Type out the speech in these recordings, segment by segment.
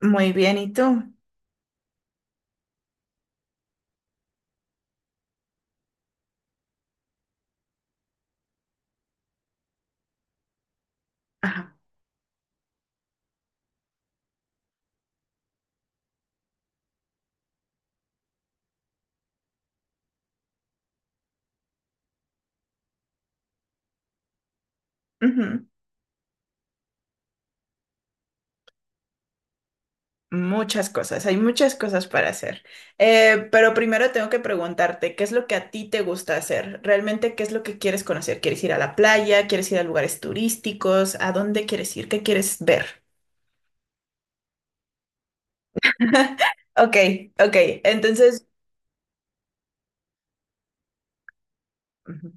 Muy bien, ¿y tú? Ajá. Ujú. Muchas cosas, hay muchas cosas para hacer. Pero primero tengo que preguntarte, ¿qué es lo que a ti te gusta hacer? ¿Realmente qué es lo que quieres conocer? ¿Quieres ir a la playa? ¿Quieres ir a lugares turísticos? ¿A dónde quieres ir? ¿Qué quieres ver? Ok, ok, entonces. Ujú.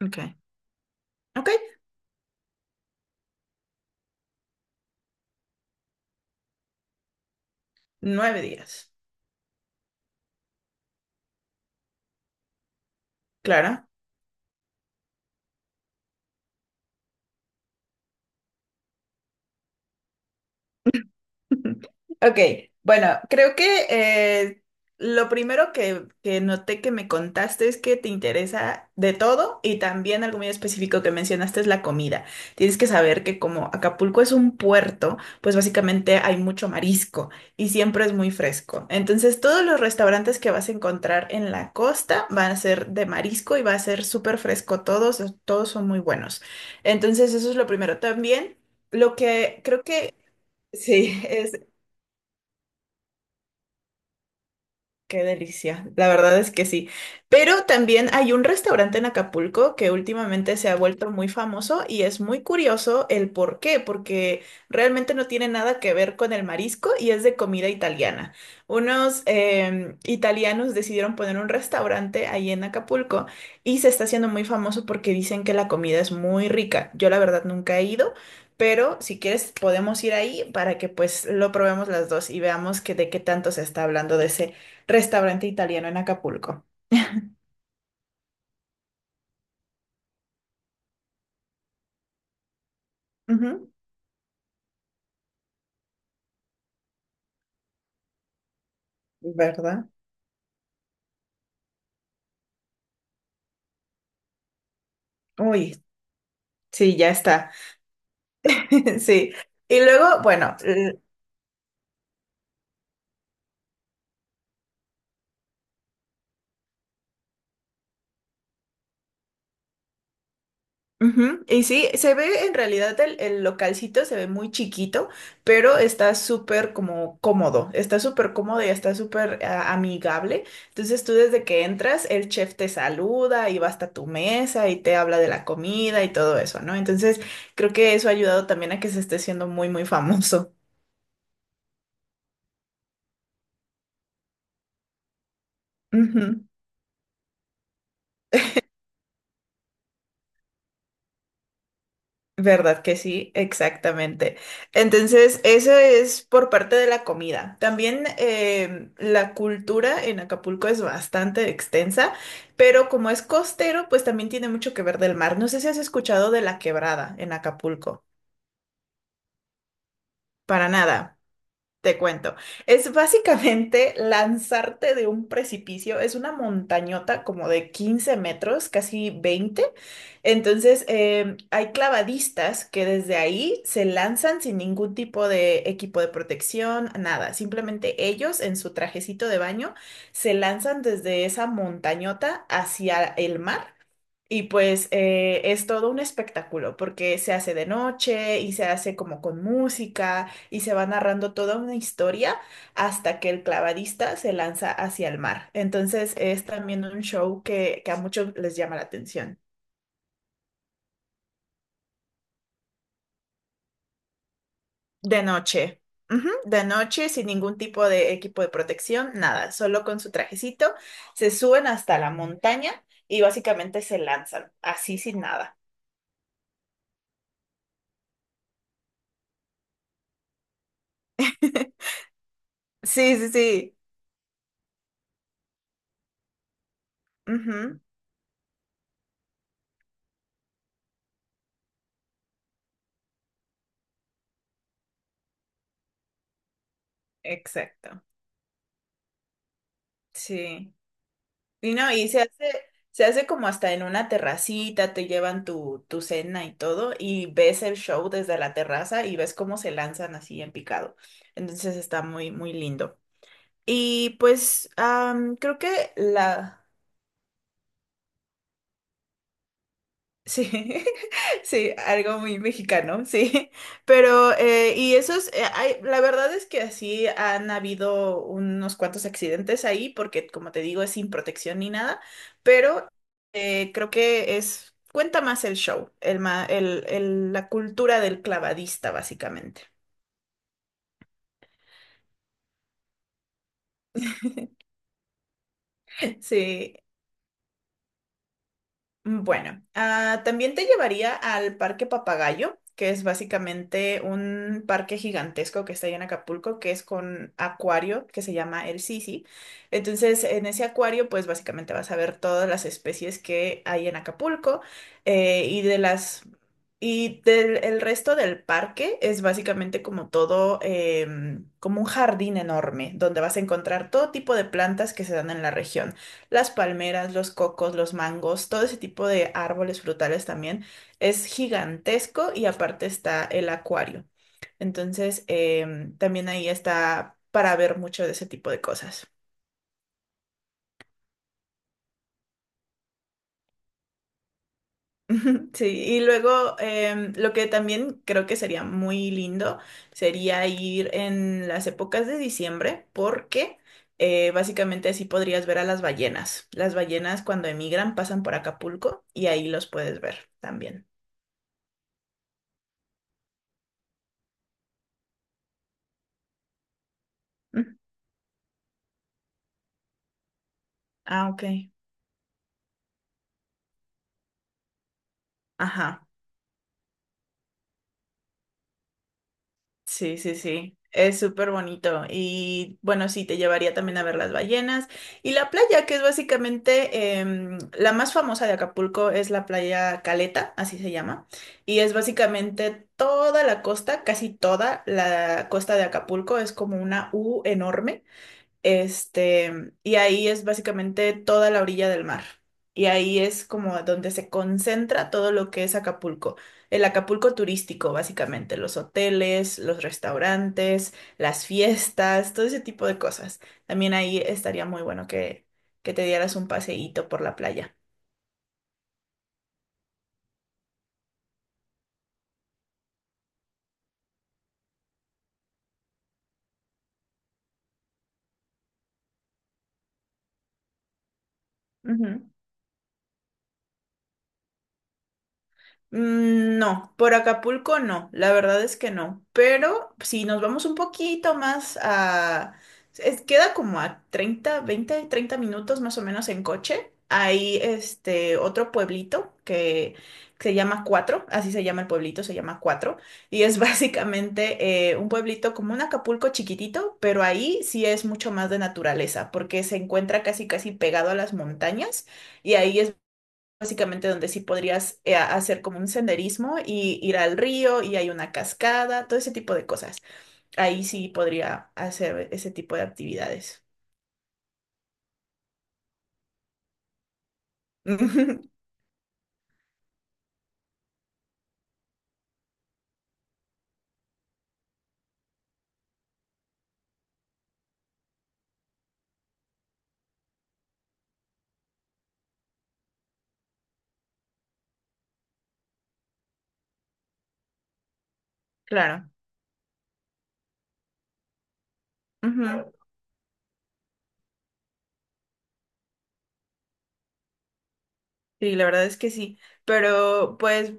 Ok, ok, 9 días. Claro. Ok, bueno, creo que eh, lo primero que, noté que me contaste es que te interesa de todo y también algo muy específico que mencionaste es la comida. Tienes que saber que como Acapulco es un puerto, pues básicamente hay mucho marisco y siempre es muy fresco. Entonces todos los restaurantes que vas a encontrar en la costa van a ser de marisco y va a ser súper fresco todos son muy buenos. Entonces eso es lo primero. También lo que creo que. Sí, qué delicia, la verdad es que sí. Pero también hay un restaurante en Acapulco que últimamente se ha vuelto muy famoso y es muy curioso el por qué, porque realmente no tiene nada que ver con el marisco y es de comida italiana. Unos italianos decidieron poner un restaurante ahí en Acapulco y se está haciendo muy famoso porque dicen que la comida es muy rica. Yo la verdad nunca he ido. Pero si quieres podemos ir ahí para que pues lo probemos las dos y veamos que de qué tanto se está hablando de ese restaurante italiano en Acapulco. Ujú. ¿Verdad? Uy, sí, ya está. Sí. Y luego, bueno. Ujú. Y sí, se ve en realidad el localcito, se ve muy chiquito, pero está súper como cómodo, está súper cómodo y está súper amigable. Entonces tú desde que entras, el chef te saluda y va hasta tu mesa y te habla de la comida y todo eso, ¿no? Entonces creo que eso ha ayudado también a que se esté siendo muy, muy famoso. Ujú. ¿Verdad que sí? Exactamente. Entonces, eso es por parte de la comida. También la cultura en Acapulco es bastante extensa, pero como es costero, pues también tiene mucho que ver del mar. No sé si has escuchado de la quebrada en Acapulco. Para nada. Te cuento. Es básicamente lanzarte de un precipicio. Es una montañota como de 15 metros, casi 20. Entonces, hay clavadistas que desde ahí se lanzan sin ningún tipo de equipo de protección, nada. Simplemente ellos en su trajecito de baño se lanzan desde esa montañota hacia el mar. Y pues es todo un espectáculo porque se hace de noche y se hace como con música y se va narrando toda una historia hasta que el clavadista se lanza hacia el mar. Entonces es también un show que a muchos les llama la atención. De noche. Ujú. De noche, sin ningún tipo de equipo de protección, nada, solo con su trajecito, se suben hasta la montaña y básicamente se lanzan, así sin nada. Sí, sí, sí. Ujú. Exacto. Sí. Y no, y se hace como hasta en una terracita, te llevan tu, cena y todo, y ves el show desde la terraza y ves cómo se lanzan así en picado. Entonces está muy, muy lindo. Y pues creo que la. Sí, sí, algo muy mexicano, sí. Pero, y esos, la verdad es que así han habido unos cuantos accidentes ahí, porque como te digo, es sin protección ni nada, pero creo que es, cuenta más el show, el, ma- el- la cultura del clavadista, básicamente. Sí. Bueno, también te llevaría al Parque Papagayo, que es básicamente un parque gigantesco que está ahí en Acapulco, que es con acuario que se llama el Sisi. Entonces, en ese acuario, pues básicamente vas a ver todas las especies que hay en Acapulco y de las y del el resto del parque es básicamente como todo, como un jardín enorme, donde vas a encontrar todo tipo de plantas que se dan en la región las palmeras, los cocos, los mangos, todo ese tipo de árboles frutales también. Es gigantesco y aparte está el acuario. Entonces, también ahí está para ver mucho de ese tipo de cosas. Sí, y luego lo que también creo que sería muy lindo sería ir en las épocas de diciembre porque básicamente así podrías ver a las ballenas. Las ballenas cuando emigran pasan por Acapulco y ahí los puedes ver también. Ah, ok. Ajá. Sí, sí, sí. Es súper bonito. Y bueno, sí, te llevaría también a ver las ballenas. Y la playa, que es básicamente la más famosa de Acapulco, es la playa Caleta, así se llama. Y es básicamente toda la costa, casi toda la costa de Acapulco, es como una U enorme. Este, y ahí es básicamente toda la orilla del mar. Y ahí es como donde se concentra todo lo que es Acapulco. El Acapulco turístico, básicamente, los hoteles, los restaurantes, las fiestas, todo ese tipo de cosas. También ahí estaría muy bueno que, te dieras un paseíto por la playa. Ujú. No, por Acapulco no, la verdad es que no. Pero si nos vamos un poquito más a. Queda como a 30, 20, 30 minutos más o menos en coche. Hay este otro pueblito que se llama Cuatro, así se llama el pueblito, se llama Cuatro. Y es básicamente un pueblito como un Acapulco chiquitito, pero ahí sí es mucho más de naturaleza, porque se encuentra casi casi pegado a las montañas y ahí es básicamente donde sí podrías hacer como un senderismo y ir al río y hay una cascada, todo ese tipo de cosas. Ahí sí podría hacer ese tipo de actividades. Claro. Ujú. Sí, la verdad es que sí. Pero pues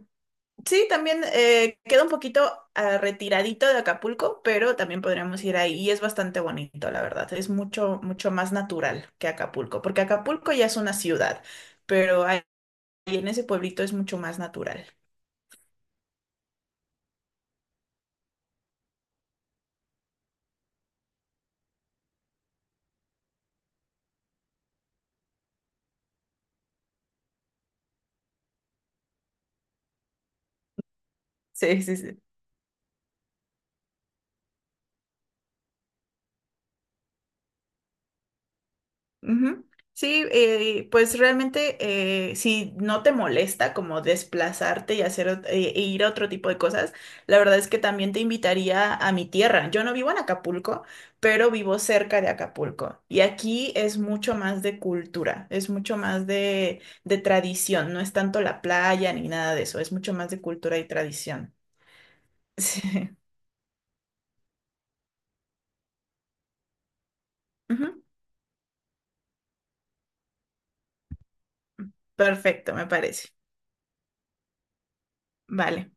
sí, también queda un poquito retiradito de Acapulco, pero también podríamos ir ahí y es bastante bonito, la verdad. Es mucho, mucho más natural que Acapulco, porque Acapulco ya es una ciudad, pero ahí en ese pueblito es mucho más natural. Sí, sí, sí. Ujú. Sí, pues realmente si no te molesta como desplazarte y hacer ir a otro tipo de cosas, la verdad es que también te invitaría a mi tierra. Yo no vivo en Acapulco, pero vivo cerca de Acapulco y aquí es mucho más de cultura, es mucho más de tradición, no es tanto la playa ni nada de eso, es mucho más de cultura y tradición. Sí. Ujú. Perfecto, me parece. Vale.